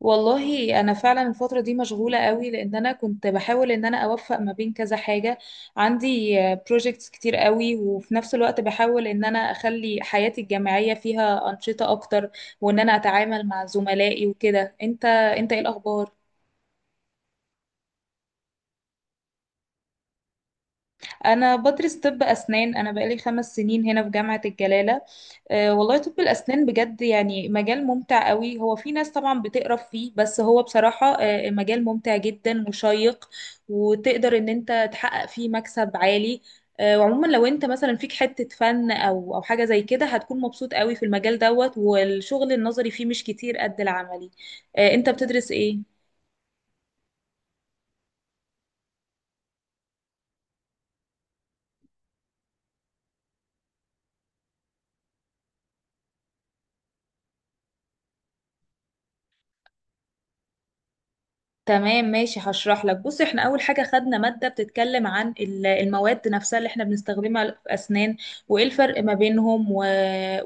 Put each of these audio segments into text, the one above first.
والله انا فعلا الفتره دي مشغوله قوي لان انا كنت بحاول ان انا اوفق ما بين كذا حاجه. عندي بروجكتس كتير قوي، وفي نفس الوقت بحاول ان انا اخلي حياتي الجامعيه فيها انشطه اكتر وان انا اتعامل مع زملائي وكده. انت ايه الاخبار؟ انا بدرس طب اسنان، انا بقالي 5 سنين هنا في جامعه الجلاله. والله طب الأسنان بجد يعني مجال ممتع قوي. هو في ناس طبعا بتقرف فيه، بس هو بصراحة مجال ممتع جدا وشيق، وتقدر ان انت تحقق فيه مكسب عالي. وعموما لو انت مثلا فيك حتة فن او حاجة زي كده، هتكون مبسوط قوي في المجال دوت، والشغل النظري فيه مش كتير قد العملي. انت بتدرس ايه؟ تمام ماشي، هشرح لك. بص، احنا اول حاجه خدنا ماده بتتكلم عن المواد نفسها اللي احنا بنستخدمها في اسنان، وايه الفرق ما بينهم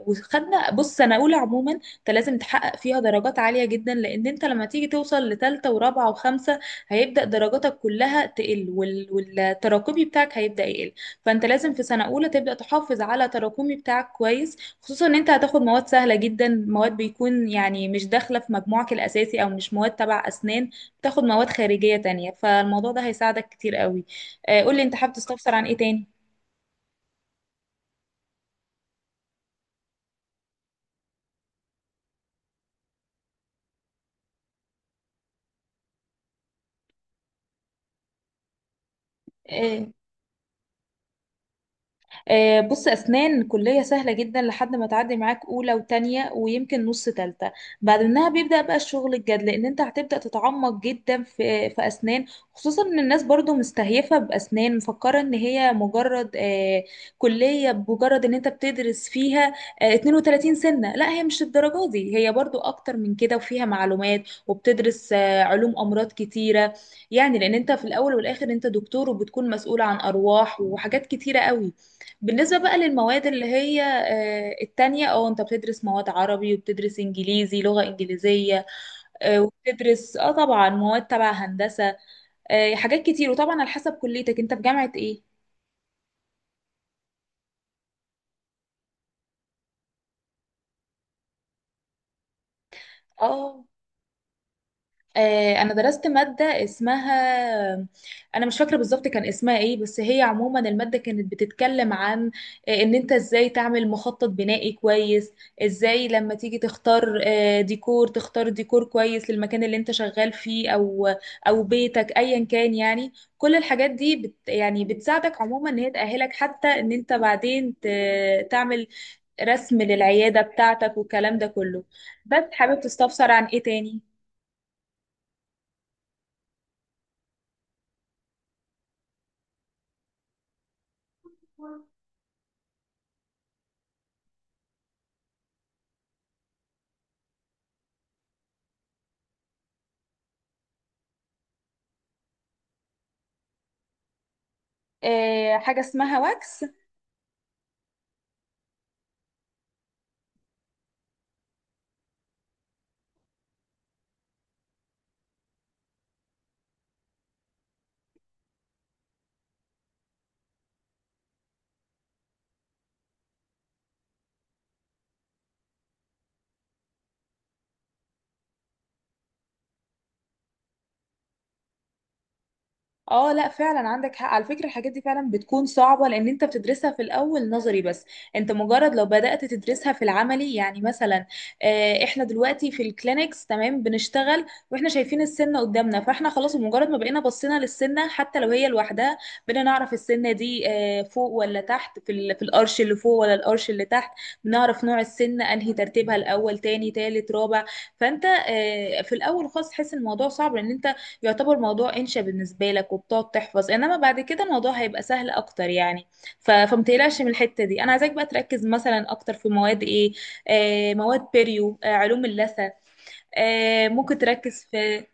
وخدنا. بص، سنه اولى عموما انت لازم تحقق فيها درجات عاليه جدا، لان انت لما تيجي توصل لثالثه ورابعه وخمسه هيبدا درجاتك كلها تقل، والتراكمي بتاعك هيبدا يقل. فانت لازم في سنه اولى تبدا تحافظ على تراكمي بتاعك كويس، خصوصا ان انت هتاخد مواد سهله جدا، مواد بيكون يعني مش داخله في مجموعك الاساسي، او مش مواد تبع اسنان، تاخد مواد خارجية تانية. فالموضوع ده هيساعدك كتير قوي. قولي، انت حابب تستفسر عن ايه تاني؟ إيه. بص، أسنان كلية سهلة جدا لحد ما تعدي معاك أولى وتانية ويمكن نص تالتة. بعد منها بيبدأ بقى الشغل الجاد، لأن أنت هتبدأ تتعمق جدا في أسنان. خصوصا إن الناس برضو مستهيفة بأسنان، مفكرة إن هي مجرد كلية، بمجرد إن أنت بتدرس فيها 32 سنة. لا، هي مش الدرجة دي، هي برضو أكتر من كده، وفيها معلومات، وبتدرس علوم أمراض كتيرة، يعني لأن أنت في الأول والآخر أنت دكتور وبتكون مسؤول عن أرواح وحاجات كتيرة قوي. بالنسبة بقى للمواد اللي هي التانية، او انت بتدرس مواد عربي وبتدرس انجليزي لغة انجليزية، وبتدرس اه طبعا مواد تبع هندسة، حاجات كتير، وطبعا على حسب كليتك انت في جامعة ايه. اه. انا درست ماده اسمها، انا مش فاكره بالظبط كان اسمها ايه، بس هي عموما الماده كانت بتتكلم عن ان انت ازاي تعمل مخطط بنائي كويس، ازاي لما تيجي تختار ديكور، تختار ديكور كويس للمكان اللي انت شغال فيه او بيتك ايا كان. يعني كل الحاجات دي بت يعني بتساعدك عموما، ان هي تأهلك حتى ان انت بعدين تعمل رسم للعياده بتاعتك والكلام ده كله. بس حابب تستفسر عن ايه تاني؟ حاجة اسمها واكس. اه لا، فعلا عندك حق على فكرة، الحاجات دي فعلا بتكون صعبة لان انت بتدرسها في الاول نظري بس. انت مجرد لو بدأت تدرسها في العملي يعني مثلا، احنا دلوقتي في الكلينكس تمام بنشتغل، واحنا شايفين السنة قدامنا، فاحنا خلاص مجرد ما بقينا بصينا للسنة حتى لو هي لوحدها، بقينا نعرف السنة دي فوق ولا تحت، في في القرش اللي فوق ولا القرش اللي تحت. بنعرف نوع السنة، انهي ترتيبها، الاول تاني تالت رابع. فانت في الاول خالص تحس الموضوع صعب، لان انت يعتبر موضوع انشا بالنسبه لك وبتقعد تحفظ، انما بعد كده الموضوع هيبقى سهل اكتر يعني. فمتقلقش من الحته دي. انا عايزاك بقى تركز مثلا اكتر في مواد ايه. آه، مواد بيريو، آه علوم اللثه، آه ممكن تركز في.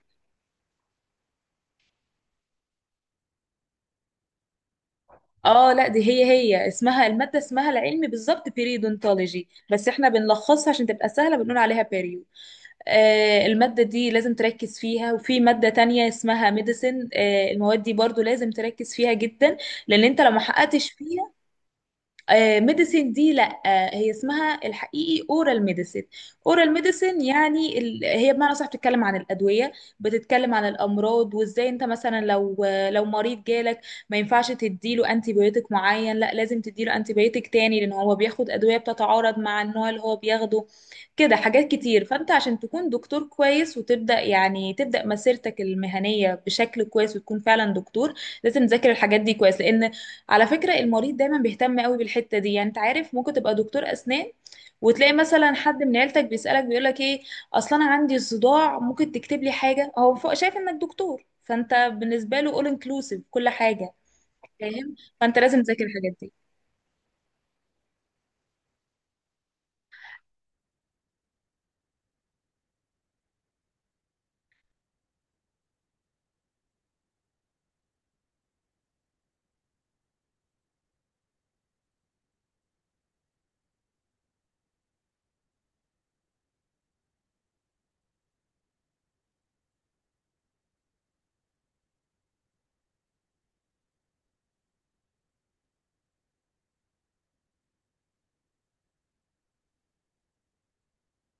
اه لا، دي هي اسمها، الماده اسمها العلمي بالظبط بيريودونتولوجي بس احنا بنلخصها عشان تبقى سهله، بنقول عليها بيريو. آه، الماده دي لازم تركز فيها، وفي ماده تانية اسمها ميديسن، آه المواد دي برضو لازم تركز فيها جدا لان انت لو ما حققتش فيها. ميديسين دي لا، هي اسمها الحقيقي اورال ميديسين. اورال ميديسين يعني هي بمعنى صح بتتكلم عن الادويه، بتتكلم عن الامراض، وازاي انت مثلا لو لو مريض جالك ما ينفعش تديله انتي بيوتيك معين، لا لازم تديله انتي بيوتيك تاني لان هو بياخد ادويه بتتعارض مع النوع اللي هو بياخده. كده حاجات كتير. فانت عشان تكون دكتور كويس، وتبدا يعني تبدا مسيرتك المهنيه بشكل كويس، وتكون فعلا دكتور، لازم تذاكر الحاجات دي كويس، لان على فكرة المريض دايما بيهتم قوي بالحتة دي. يعني انت عارف، ممكن تبقى دكتور أسنان وتلاقي مثلا حد من عيلتك بيسألك بيقولك ايه، اصلا انا عندي صداع ممكن تكتب لي حاجة. هو فوق شايف انك دكتور، فانت بالنسبة له all inclusive، كل حاجة. فاهم، فانت لازم تذاكر الحاجات دي.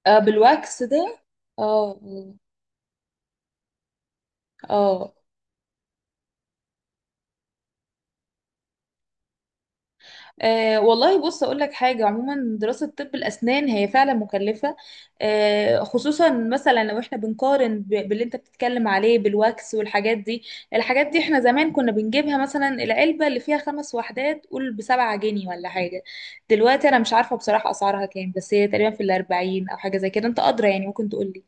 بالواكس ده. اه. اه. آه. أه والله، بص اقول لك حاجه، عموما دراسه طب الاسنان هي فعلا مكلفه. أه خصوصا مثلا لو احنا بنقارن باللي انت بتتكلم عليه بالواكس والحاجات دي. الحاجات دي احنا زمان كنا بنجيبها مثلا، العلبه اللي فيها 5 وحدات قول بـ7 جنيه ولا حاجه. دلوقتي انا مش عارفه بصراحه اسعارها كام، بس هي تقريبا في الاربعين او حاجه زي كده، انت ادرى يعني، ممكن تقول لي.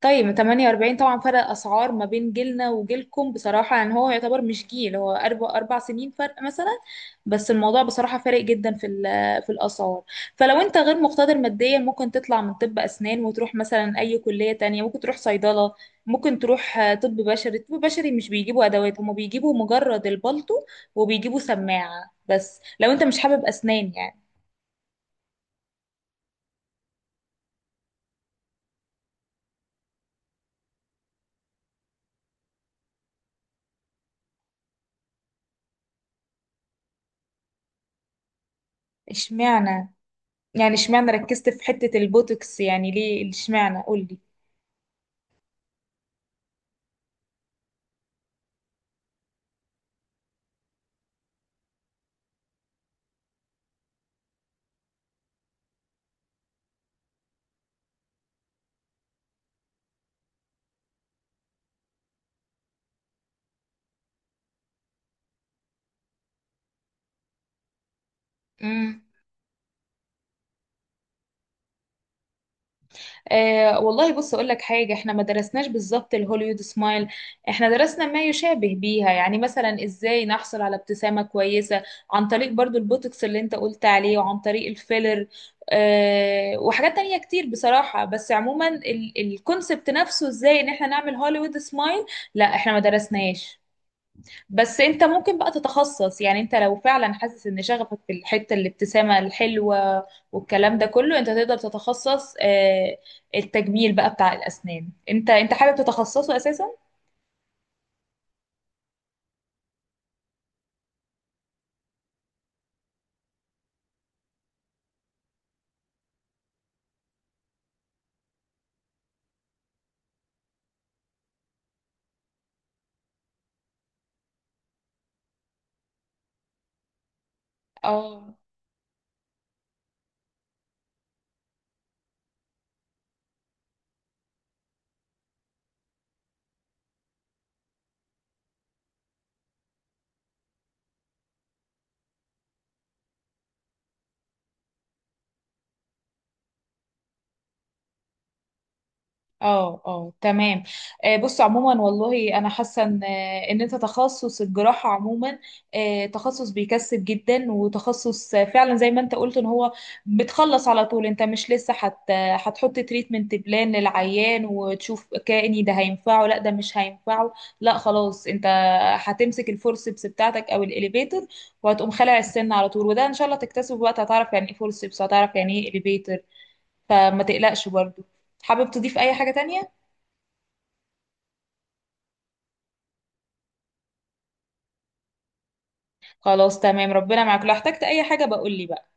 طيب 48، طبعا فرق اسعار ما بين جيلنا وجيلكم بصراحه، يعني هو يعتبر مش جيل، هو اربع سنين فرق مثلا. بس الموضوع بصراحه فارق جدا في في الاسعار. فلو انت غير مقتدر ماديا، ممكن تطلع من طب اسنان وتروح مثلا اي كليه تانية، ممكن تروح صيدله، ممكن تروح طب بشري. طب بشري مش بيجيبوا ادوات، هما بيجيبوا مجرد البلطو وبيجيبوا سماعه بس، لو انت مش حابب اسنان يعني. اشمعنى، يعني اشمعنى ركزت في حته البوتوكس، يعني ليه اشمعنى، قولي. والله بص اقول لك حاجه، احنا ما درسناش بالظبط الهوليوود سمايل، احنا درسنا ما يشابه بيها. يعني مثلا ازاي نحصل على ابتسامه كويسه عن طريق برضو البوتوكس اللي انت قلت عليه، وعن طريق الفيلر، وحاجات تانية كتير بصراحه. بس عموما الكونسبت نفسه ازاي ان احنا نعمل هوليوود سمايل، لا احنا ما درسناش. بس انت ممكن بقى تتخصص. يعني انت لو فعلا حاسس ان شغفك في الحتة الابتسامة الحلوة والكلام ده كله، انت تقدر تتخصص التجميل بقى بتاع الاسنان. انت حابب تتخصصه اساسا؟ اه. اه. اه تمام. بص عموما والله انا حاسه ان ان انت تخصص الجراحه عموما تخصص بيكسب جدا، وتخصص فعلا زي ما انت قلت، ان هو بتخلص على طول. انت مش لسه هتحط تريتمنت بلان للعيان وتشوف كأني ده هينفعه لا ده مش هينفعه. لا خلاص، انت هتمسك الفورسبس بتاعتك او الاليفيتر، وهتقوم خلع السن على طول. وده ان شاء الله تكتسبه وقت، هتعرف يعني ايه فورسبس، هتعرف يعني ايه اليفيتر. فما تقلقش برضه. حابب تضيف اي حاجه تانية؟ خلاص تمام، ربنا معاك، لو احتجت اي حاجة بقول لي بقى.